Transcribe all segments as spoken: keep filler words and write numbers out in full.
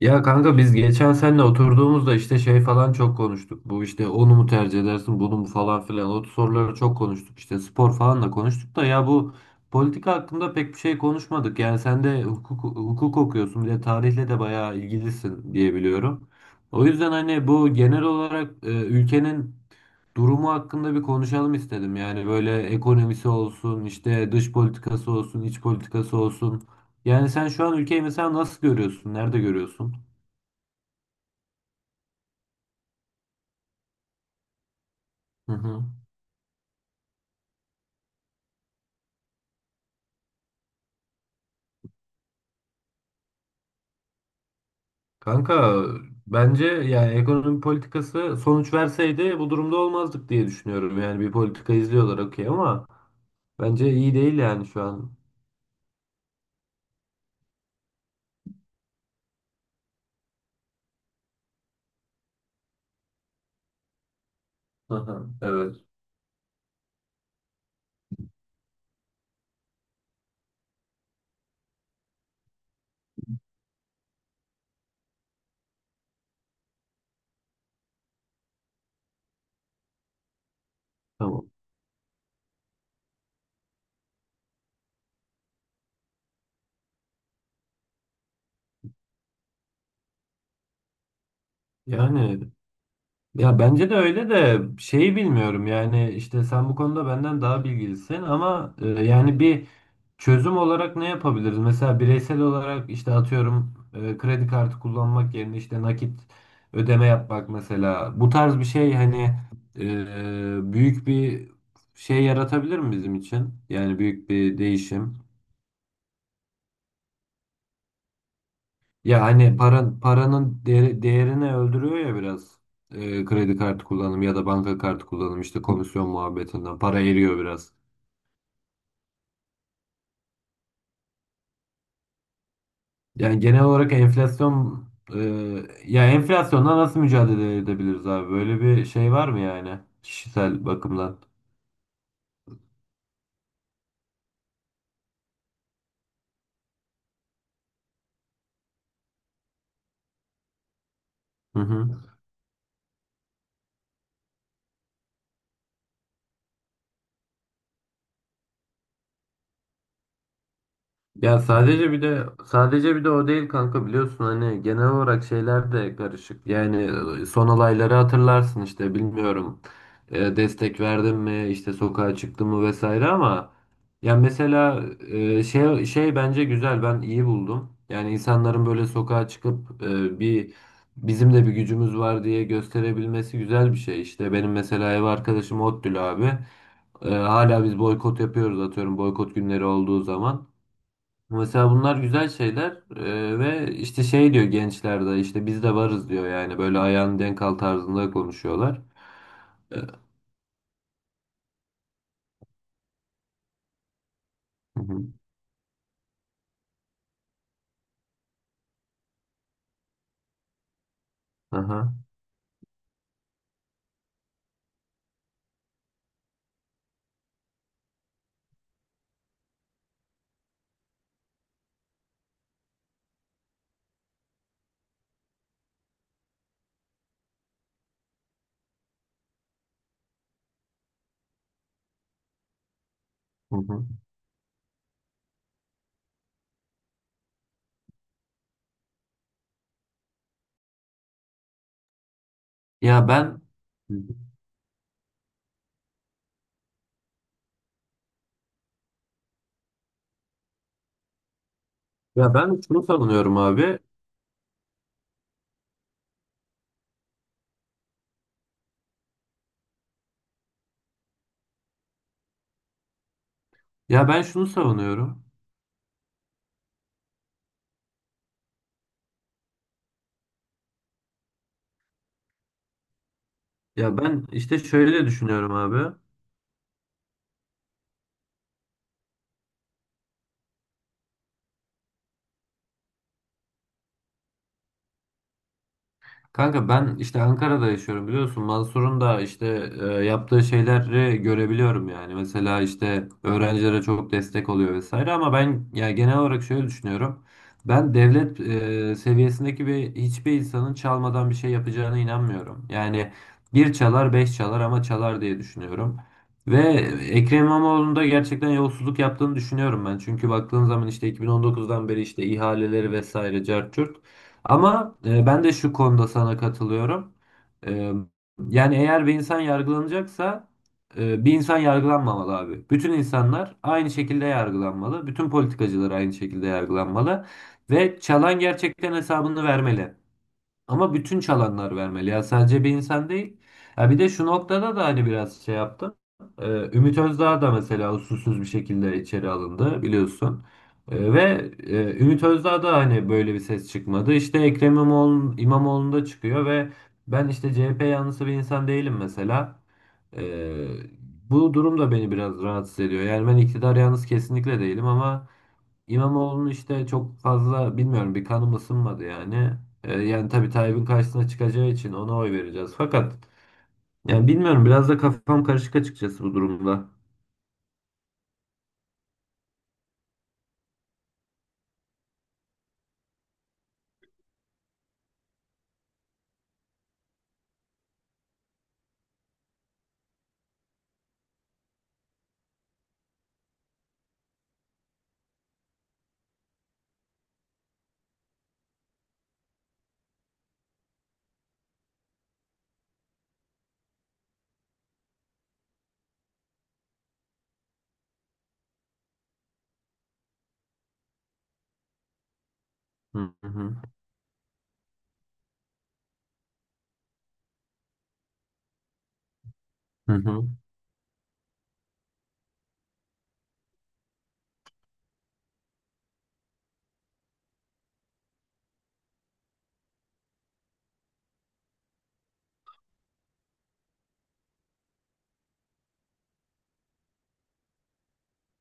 Ya kanka biz geçen seninle oturduğumuzda işte şey falan çok konuştuk. Bu işte onu mu tercih edersin bunu mu falan filan. O soruları çok konuştuk. İşte spor falan da konuştuk da ya bu politika hakkında pek bir şey konuşmadık. Yani sen de hukuk, hukuk okuyorsun, bir de tarihle de bayağı ilgilisin diye biliyorum. O yüzden hani bu genel olarak e, ülkenin durumu hakkında bir konuşalım istedim. Yani böyle ekonomisi olsun, işte dış politikası olsun, iç politikası olsun. Yani sen şu an ülkeyi mesela nasıl görüyorsun? Nerede görüyorsun? Hı hı. Kanka bence yani ekonomi politikası sonuç verseydi bu durumda olmazdık diye düşünüyorum. Yani bir politika izliyorlar okey, ama bence iyi değil yani şu an. Hı hı, evet. Tamam. Yani ya bence de öyle, de şeyi bilmiyorum yani, işte sen bu konuda benden daha bilgilisin ama e, yani bir çözüm olarak ne yapabiliriz? Mesela bireysel olarak işte atıyorum, e, kredi kartı kullanmak yerine işte nakit ödeme yapmak mesela. Bu tarz bir şey hani e, büyük bir şey yaratabilir mi bizim için? Yani büyük bir değişim. Ya hani para, paranın değeri- değerini öldürüyor ya biraz, e, kredi kartı kullanımı ya da banka kartı kullanımı işte komisyon muhabbetinden para eriyor biraz. Yani genel olarak enflasyon, e, ya enflasyonla nasıl mücadele edebiliriz abi? Böyle bir şey var mı yani kişisel bakımdan? Hı hı. Ya sadece bir de sadece bir de o değil kanka, biliyorsun hani genel olarak şeyler de karışık. Yani son olayları hatırlarsın, işte bilmiyorum e, destek verdim mi, işte sokağa çıktım mı vesaire, ama ya mesela e, şey şey bence güzel, ben iyi buldum. Yani insanların böyle sokağa çıkıp e, bir bizim de bir gücümüz var diye gösterebilmesi güzel bir şey. İşte benim mesela ev arkadaşım Ottül abi. E, hala biz boykot yapıyoruz atıyorum, boykot günleri olduğu zaman. Mesela bunlar güzel şeyler, eee, ve işte şey diyor, gençler de işte biz de varız diyor yani, böyle ayağın denk al tarzında konuşuyorlar. Eee, Hı hı. Aha. Hı hı. Ya ben Hı hı. Ya ben şunu savunuyorum abi. Ya ben şunu savunuyorum. Ya ben işte şöyle düşünüyorum abi. Kanka ben işte Ankara'da yaşıyorum biliyorsun. Mansur'un da işte e, yaptığı şeyleri görebiliyorum yani. Mesela işte öğrencilere çok destek oluyor vesaire, ama ben ya genel olarak şöyle düşünüyorum. Ben devlet e, seviyesindeki bir hiçbir insanın çalmadan bir şey yapacağına inanmıyorum. Yani bir çalar beş çalar ama çalar diye düşünüyorum. Ve Ekrem İmamoğlu'nun da gerçekten yolsuzluk yaptığını düşünüyorum ben. Çünkü baktığın zaman işte iki bin on dokuzdan beri işte ihaleleri vesaire cart curt. Ama e, ben de şu konuda sana katılıyorum. E, Yani eğer bir insan yargılanacaksa e, bir insan yargılanmamalı abi. Bütün insanlar aynı şekilde yargılanmalı. Bütün politikacılar aynı şekilde yargılanmalı. Ve çalan gerçekten hesabını vermeli. Ama bütün çalanlar vermeli, ya sadece bir insan değil. Ya bir de şu noktada da hani biraz şey yaptım. Ee, Ümit Özdağ da mesela usulsüz bir şekilde içeri alındı biliyorsun. Ee, ve e, Ümit Özdağ da hani böyle bir ses çıkmadı. İşte Ekrem İmamoğlu, İmamoğlu'nda çıkıyor ve ben işte C H P yanlısı bir insan değilim mesela. Ee, Bu durum da beni biraz rahatsız ediyor. Yani ben iktidar yanlısı kesinlikle değilim, ama İmamoğlu'nu işte çok fazla bilmiyorum, bir kanım ısınmadı yani. Ee, yani tabii Tayyip'in karşısına çıkacağı için ona oy vereceğiz. Fakat yani bilmiyorum, biraz da kafam karışık açıkçası bu durumda. Hı hı. Hı hı.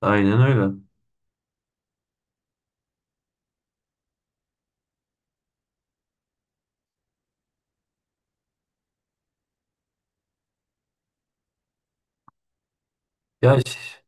Aynen öyle. Ya, ş-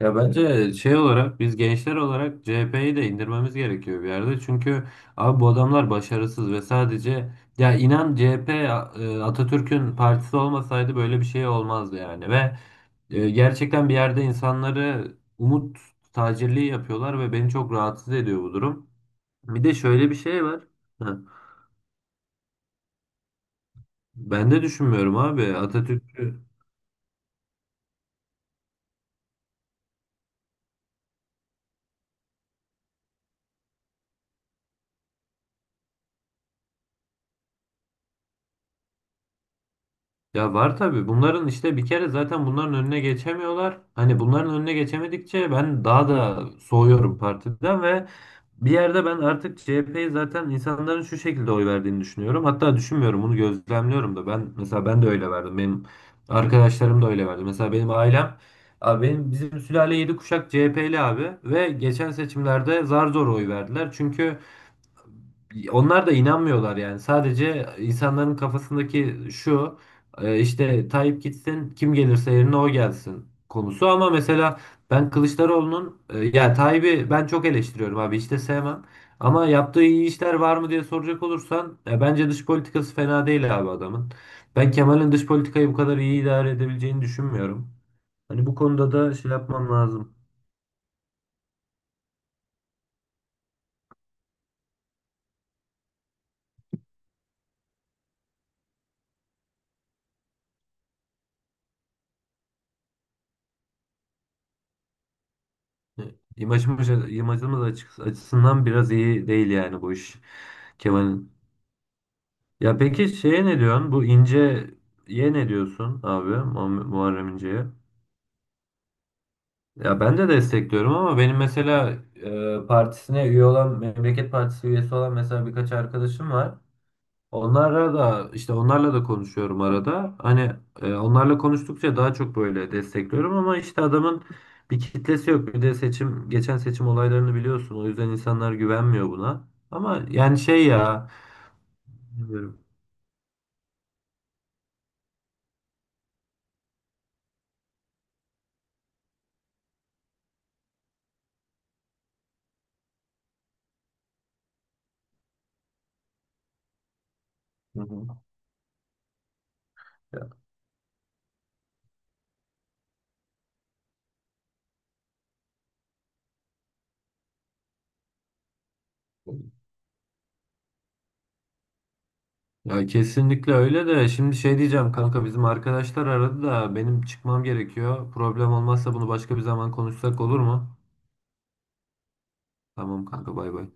Ya bence şey olarak biz gençler olarak C H P'yi de indirmemiz gerekiyor bir yerde. Çünkü abi bu adamlar başarısız ve sadece, ya inan C H P e, Atatürk'ün partisi olmasaydı böyle bir şey olmazdı yani. Ve E, gerçekten bir yerde insanları umut tacirliği yapıyorlar ve beni çok rahatsız ediyor bu durum. Bir de şöyle bir şey var. Ha, ben de düşünmüyorum abi. Atatürk… Ya var tabii. Bunların işte bir kere zaten bunların önüne geçemiyorlar. Hani bunların önüne geçemedikçe ben daha da soğuyorum partiden. Ve bir yerde ben artık C H P'yi zaten insanların şu şekilde oy verdiğini düşünüyorum. Hatta düşünmüyorum, bunu gözlemliyorum da. Ben mesela ben de öyle verdim. Benim arkadaşlarım da öyle verdi. Mesela benim ailem abi, benim bizim sülale yedi kuşak C H P'li abi, ve geçen seçimlerde zar zor oy verdiler. Çünkü onlar da inanmıyorlar yani. Sadece insanların kafasındaki şu e, işte Tayyip gitsin kim gelirse yerine o gelsin konusu, ama mesela ben Kılıçdaroğlu'nun e, ya Tayyip'i ben çok eleştiriyorum abi, hiç de sevmem. Ama yaptığı iyi işler var mı diye soracak olursan, ya bence dış politikası fena değil abi adamın. Ben Kemal'in dış politikayı bu kadar iyi idare edebileceğini düşünmüyorum. Hani bu konuda da şey yapmam lazım. İmajımız, imajımız açı- açısından biraz iyi değil yani bu iş, Kemal'in. Ya peki şeye ne diyorsun? Bu İnce'ye ne diyorsun abi? Mu- Muharrem İnce'ye. Ya ben de destekliyorum, ama benim mesela e, partisine üye olan, Memleket Partisi üyesi olan mesela birkaç arkadaşım var. Onlara da işte onlarla da konuşuyorum arada. Hani e, onlarla konuştukça daha çok böyle destekliyorum, ama işte adamın bir kitlesi yok. Bir de seçim, geçen seçim olaylarını biliyorsun. O yüzden insanlar güvenmiyor buna. Ama yani şey ya, bilmiyorum. Hı hı. Ya ya kesinlikle öyle, de şimdi şey diyeceğim kanka, bizim arkadaşlar aradı da benim çıkmam gerekiyor. Problem olmazsa bunu başka bir zaman konuşsak olur mu? Tamam kanka, bay bay.